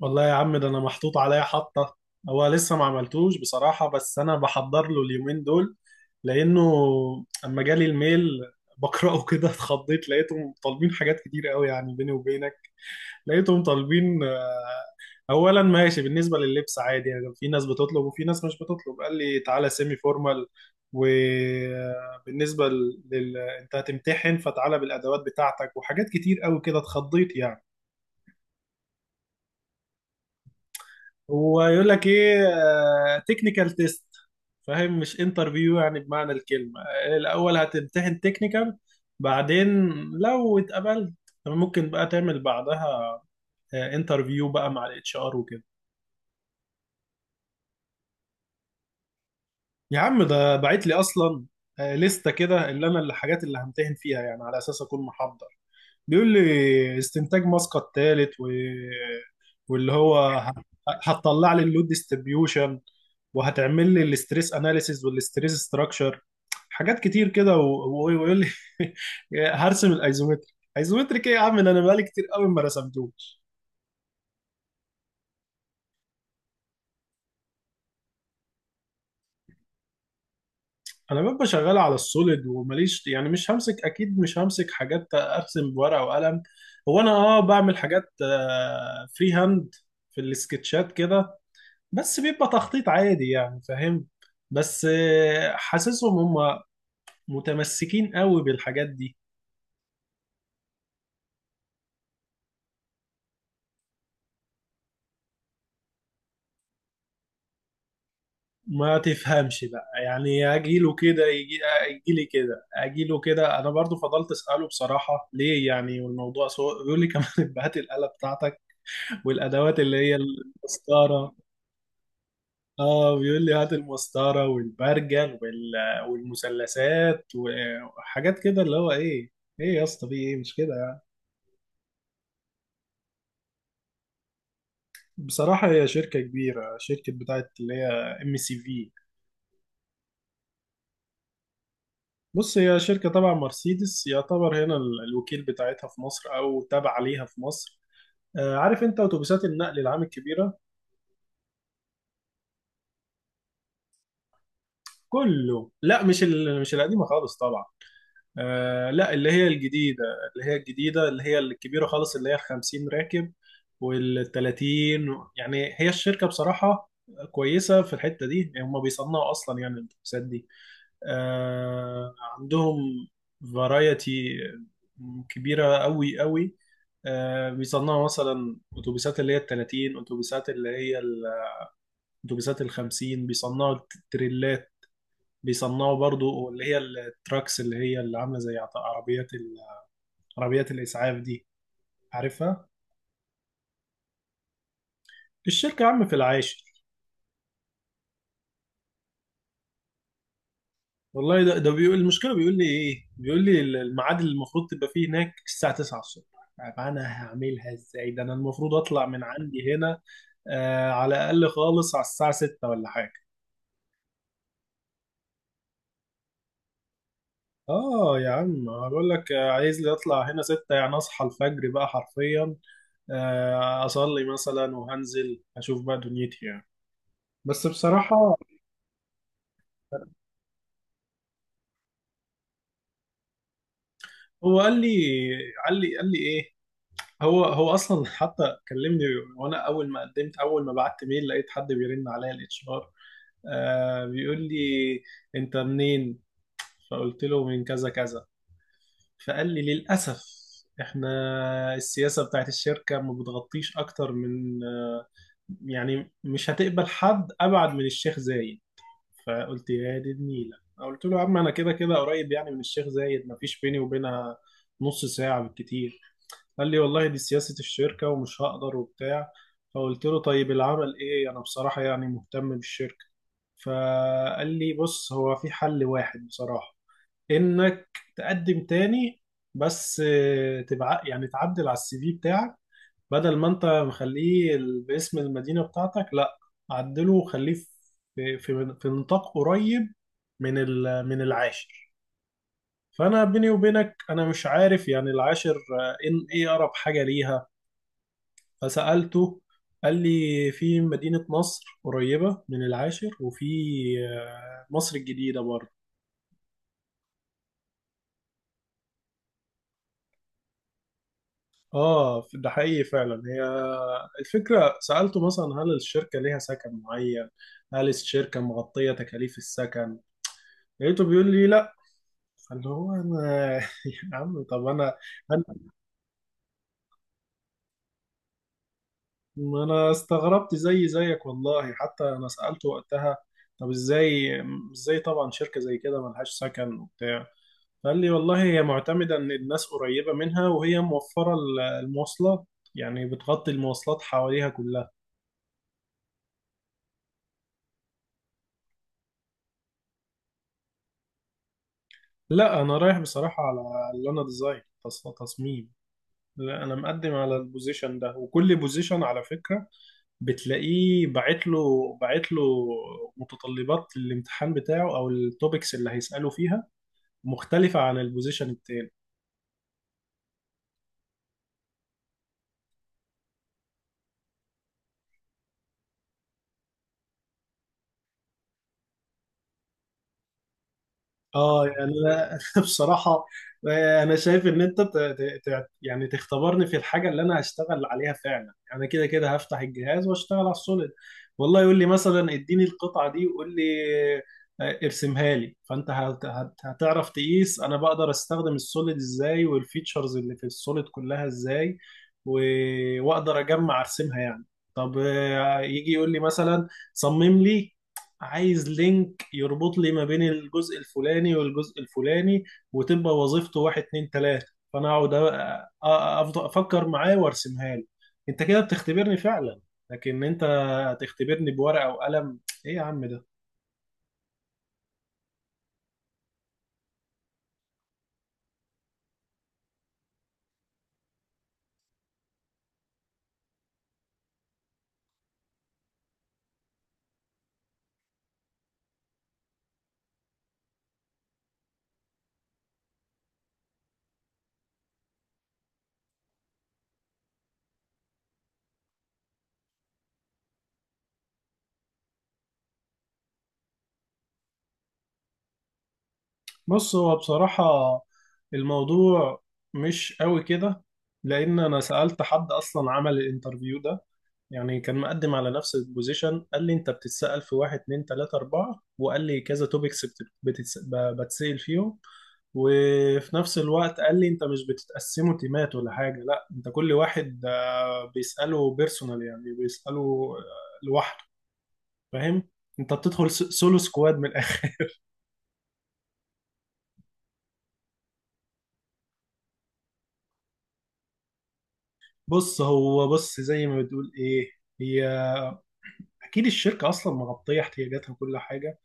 والله يا عم ده انا محطوط عليا حطه. هو لسه ما عملتوش بصراحه، بس انا بحضر له اليومين دول لانه اما جالي الميل بقراه كده اتخضيت. لقيتهم طالبين حاجات كتير قوي، يعني بيني وبينك لقيتهم طالبين اولا ماشي. بالنسبه لللبس عادي، يعني في ناس بتطلب وفي ناس مش بتطلب، قال لي تعالى سيمي فورمال. وبالنسبه لل... انت هتمتحن، فتعالى بالادوات بتاعتك وحاجات كتير قوي كده. اتخضيت يعني. هو يقول لك ايه؟ تكنيكال تيست. فاهم؟ مش انترفيو يعني بمعنى الكلمة. الأول هتمتحن تكنيكال، بعدين لو اتقبلت ممكن بقى تعمل بعدها انترفيو بقى مع الاتش ار وكده. يا عم ده بعت لي اصلا لستة كده اللي انا الحاجات اللي همتحن فيها، يعني على اساس اكون محضر. بيقول لي استنتاج ماسكة التالت و... واللي هو ه- هتطلع لي اللود ديستريبيوشن، وهتعمل لي الاستريس اناليسيز والاستريس ستراكشر، حاجات كتير كده ويقول لي هرسم الايزومتريك. ايزومتريك ايه يا عم؟ ده انا بقالي كتير قوي ما رسمتوش. انا ببقى شغال على السوليد وماليش، يعني مش همسك، اكيد مش همسك حاجات ارسم بورقه وقلم. هو انا اه بعمل حاجات فري هاند في السكتشات كده، بس بيبقى تخطيط عادي يعني، فاهم؟ بس حاسسهم هم متمسكين قوي بالحاجات دي. ما تفهمش بقى، يعني اجيله كده يجيلي كده اجيله كده. انا برضو فضلت اساله بصراحه ليه يعني، والموضوع سوء، بيقول لي كمان هات الاله بتاعتك والادوات اللي هي المسطره. اه بيقول لي هات المسطره والبرجل والمثلثات وحاجات كده، اللي هو ايه؟ ايه يا اسطى؟ في ايه مش كده؟ بصراحة هي شركة كبيرة، شركة بتاعت اللي هي ام سي في. بص، هي شركة تبع مرسيدس، يعتبر هنا الوكيل بتاعتها في مصر، أو تابع ليها في مصر. عارف أنت أتوبيسات النقل العام الكبيرة؟ كله لا، مش مش القديمة خالص طبعا. لا، اللي هي الجديدة. اللي هي الجديدة اللي هي الكبيرة خالص، اللي هي 50 راكب، وال 30. يعني هي الشركة بصراحة كويسة في الحتة دي، يعني هم بيصنعوا أصلا يعني الأتوبيسات دي. عندهم فرايتي كبيرة قوي قوي. بيصنعوا مثلا أتوبيسات اللي هي التلاتين، أتوبيسات أتوبيسات الخمسين، بيصنعوا تريلات، بيصنعوا برضو اللي هي التراكس اللي هي اللي عاملة زي عربيات عربيات الإسعاف دي، عارفها؟ الشركة يا عم في العاشر. والله ده بيقول المشكله، بيقول لي ايه، بيقول لي الميعاد اللي المفروض تبقى فيه هناك الساعه 9 الصبح. طب انا هعملها ازاي ده؟ انا المفروض اطلع من عندي هنا آه على الاقل خالص على الساعه 6 ولا حاجه. اه يا عم هقول لك، عايز لي اطلع هنا 6، يعني اصحى الفجر بقى حرفيا. آه اصلي مثلا وهنزل اشوف بقى دنيتي يعني. بس بصراحه، هو قال لي، قال لي ايه، هو اصلا حتى كلمني، وانا اول ما بعت ميل لقيت حد بيرن عليا الاتش ار، بيقول لي انت منين؟ فقلت له من كذا كذا. فقال لي للاسف احنا السياسه بتاعت الشركه ما بتغطيش اكتر من يعني مش هتقبل حد ابعد من الشيخ زايد. فقلت يا دي النيله، قلت له يا عم انا كده كده قريب يعني من الشيخ زايد، ما فيش بيني وبينها نص ساعه بالكتير. قال لي والله دي سياسة الشركة ومش هقدر وبتاع. فقلت له طيب العمل ايه؟ انا بصراحة يعني مهتم بالشركة. فقال لي بص، هو في حل واحد بصراحة، انك تقدم تاني بس تبع يعني تعدل على السي في بتاعك. بدل ما انت مخليه باسم المدينة بتاعتك، لا عدله وخليه في نطاق قريب من من العاشر. فانا بيني وبينك انا مش عارف يعني العاشر ان ايه اقرب حاجة ليها. فسألته، قال لي في مدينة نصر قريبة من العاشر، وفي مصر الجديدة برضه. اه ده حقيقي فعلا. هي الفكرة سألته مثلا هل الشركة ليها سكن معين؟ هل الشركة مغطية تكاليف السكن؟ لقيته بيقول لي لا. فاللي هو انا يا عم طب انا، انا ما أنا استغربت زي زيك والله، حتى انا سألته وقتها طب ازاي؟ ازاي طبعا شركة زي كده ملهاش سكن وبتاع؟ قال لي والله هي معتمدة إن الناس قريبة منها، وهي موفرة المواصلات، يعني بتغطي المواصلات حواليها كلها. لا أنا رايح بصراحة على اللي أنا ديزاين، تصميم. لا أنا مقدم على البوزيشن ده، وكل بوزيشن على فكرة بتلاقيه باعت له، باعت له متطلبات الامتحان بتاعه أو التوبكس اللي هيسأله فيها مختلفة عن البوزيشن التاني. اه يعني انا بصراحه، انا شايف ان انت يعني تختبرني في الحاجه اللي انا هشتغل عليها فعلا. يعني انا كده كده هفتح الجهاز واشتغل على السوليد، والله يقول لي مثلا اديني القطعه دي وقول لي ارسمها لي، فانت هتعرف تقيس انا بقدر استخدم السوليد ازاي، والفيتشرز اللي في السوليد كلها ازاي، واقدر اجمع ارسمها يعني. طب يجي يقول لي مثلا صمم لي، عايز لينك يربط لي ما بين الجزء الفلاني والجزء الفلاني، وتبقى وظيفته واحد اتنين تلاتة. فانا اقعد افضل افكر معاه وارسمها له. انت كده بتختبرني فعلا، لكن انت هتختبرني بورقة وقلم؟ ايه يا عم ده! بص، هو بصراحة الموضوع مش قوي كده، لان انا سألت حد اصلا عمل الانترفيو ده، يعني كان مقدم على نفس البوزيشن، قال لي انت بتتسأل في واحد اتنين تلاتة اربعة، وقال لي كذا توبكس بتتسأل فيهم. وفي نفس الوقت قال لي انت مش بتتقسموا تيمات ولا حاجة، لا انت كل واحد بيسأله بيرسونال، يعني بيسأله لوحده، فاهم؟ انت بتدخل سولو سكواد من الاخر. بص، هو بص زي ما بتقول ايه، هي اكيد الشركة اصلا مغطية احتياجاتها وكل حاجة،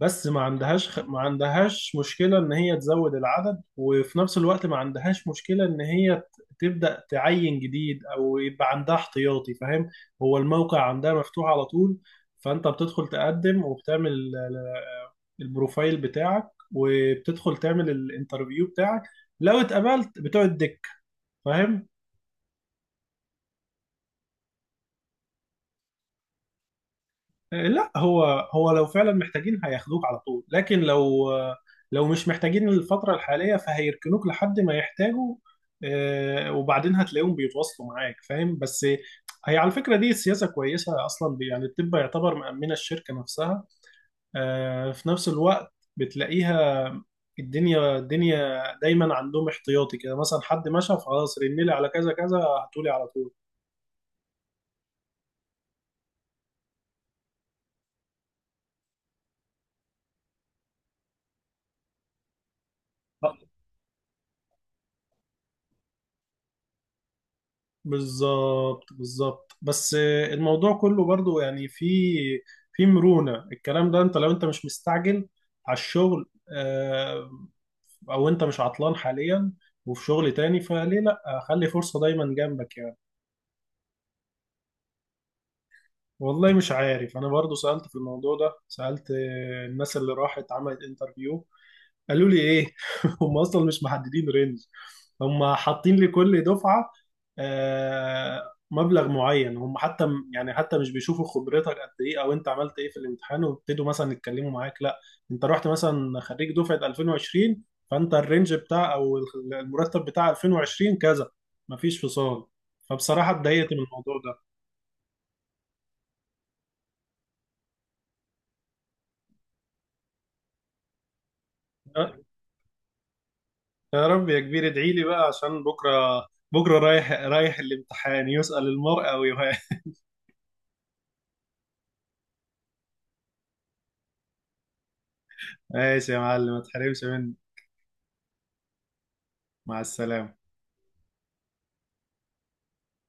بس ما عندهاش ما عندهاش مشكلة إن هي تزود العدد، وفي نفس الوقت ما عندهاش مشكلة إن هي تبدأ تعين جديد، أو يبقى عندها احتياطي، فاهم؟ هو الموقع عندها مفتوح على طول، فأنت بتدخل تقدم، وبتعمل البروفايل بتاعك، وبتدخل تعمل الانترفيو بتاعك، لو اتقبلت بتقعد دك، فاهم؟ لا هو، هو لو فعلا محتاجين هياخدوك على طول، لكن لو لو مش محتاجين الفترة الحالية فهيركنوك لحد ما يحتاجوا، وبعدين هتلاقيهم بيتواصلوا معاك، فاهم؟ بس هي على فكرة دي سياسة كويسة أصلا، يعني الطب يعتبر مأمنة الشركة نفسها، في نفس الوقت بتلاقيها الدنيا دايما عندهم احتياطي كده، مثلا حد مشى فخلاص رن لي على كذا كذا هتقولي على طول. بالظبط بالظبط، بس الموضوع كله برضو يعني في في مرونة. الكلام ده انت لو انت مش مستعجل على الشغل او انت مش عطلان حاليا وفي شغل تاني، فليه لا، خلي فرصة دايما جنبك يعني. والله مش عارف، انا برضو سألت في الموضوع ده، سألت الناس اللي راحت عملت انترفيو، قالوا لي ايه هم اصلا مش محددين رينج، هم حاطين لكل دفعه مبلغ معين، هم حتى يعني حتى مش بيشوفوا خبرتك قد ايه او انت عملت ايه في الامتحان ويبتدوا مثلا يتكلموا معاك، لا انت رحت مثلا خريج دفعه 2020، فانت الرينج بتاع او المرتب بتاع 2020 كذا، مفيش فصال. فبصراحه اتضايقت من الموضوع ده. أه، يا رب يا كبير، ادعي لي بقى عشان بكره، بكره رايح الامتحان، يسأل المرء ويهان. ماشي يا معلم، ما تحرمش مني. مع السلامة.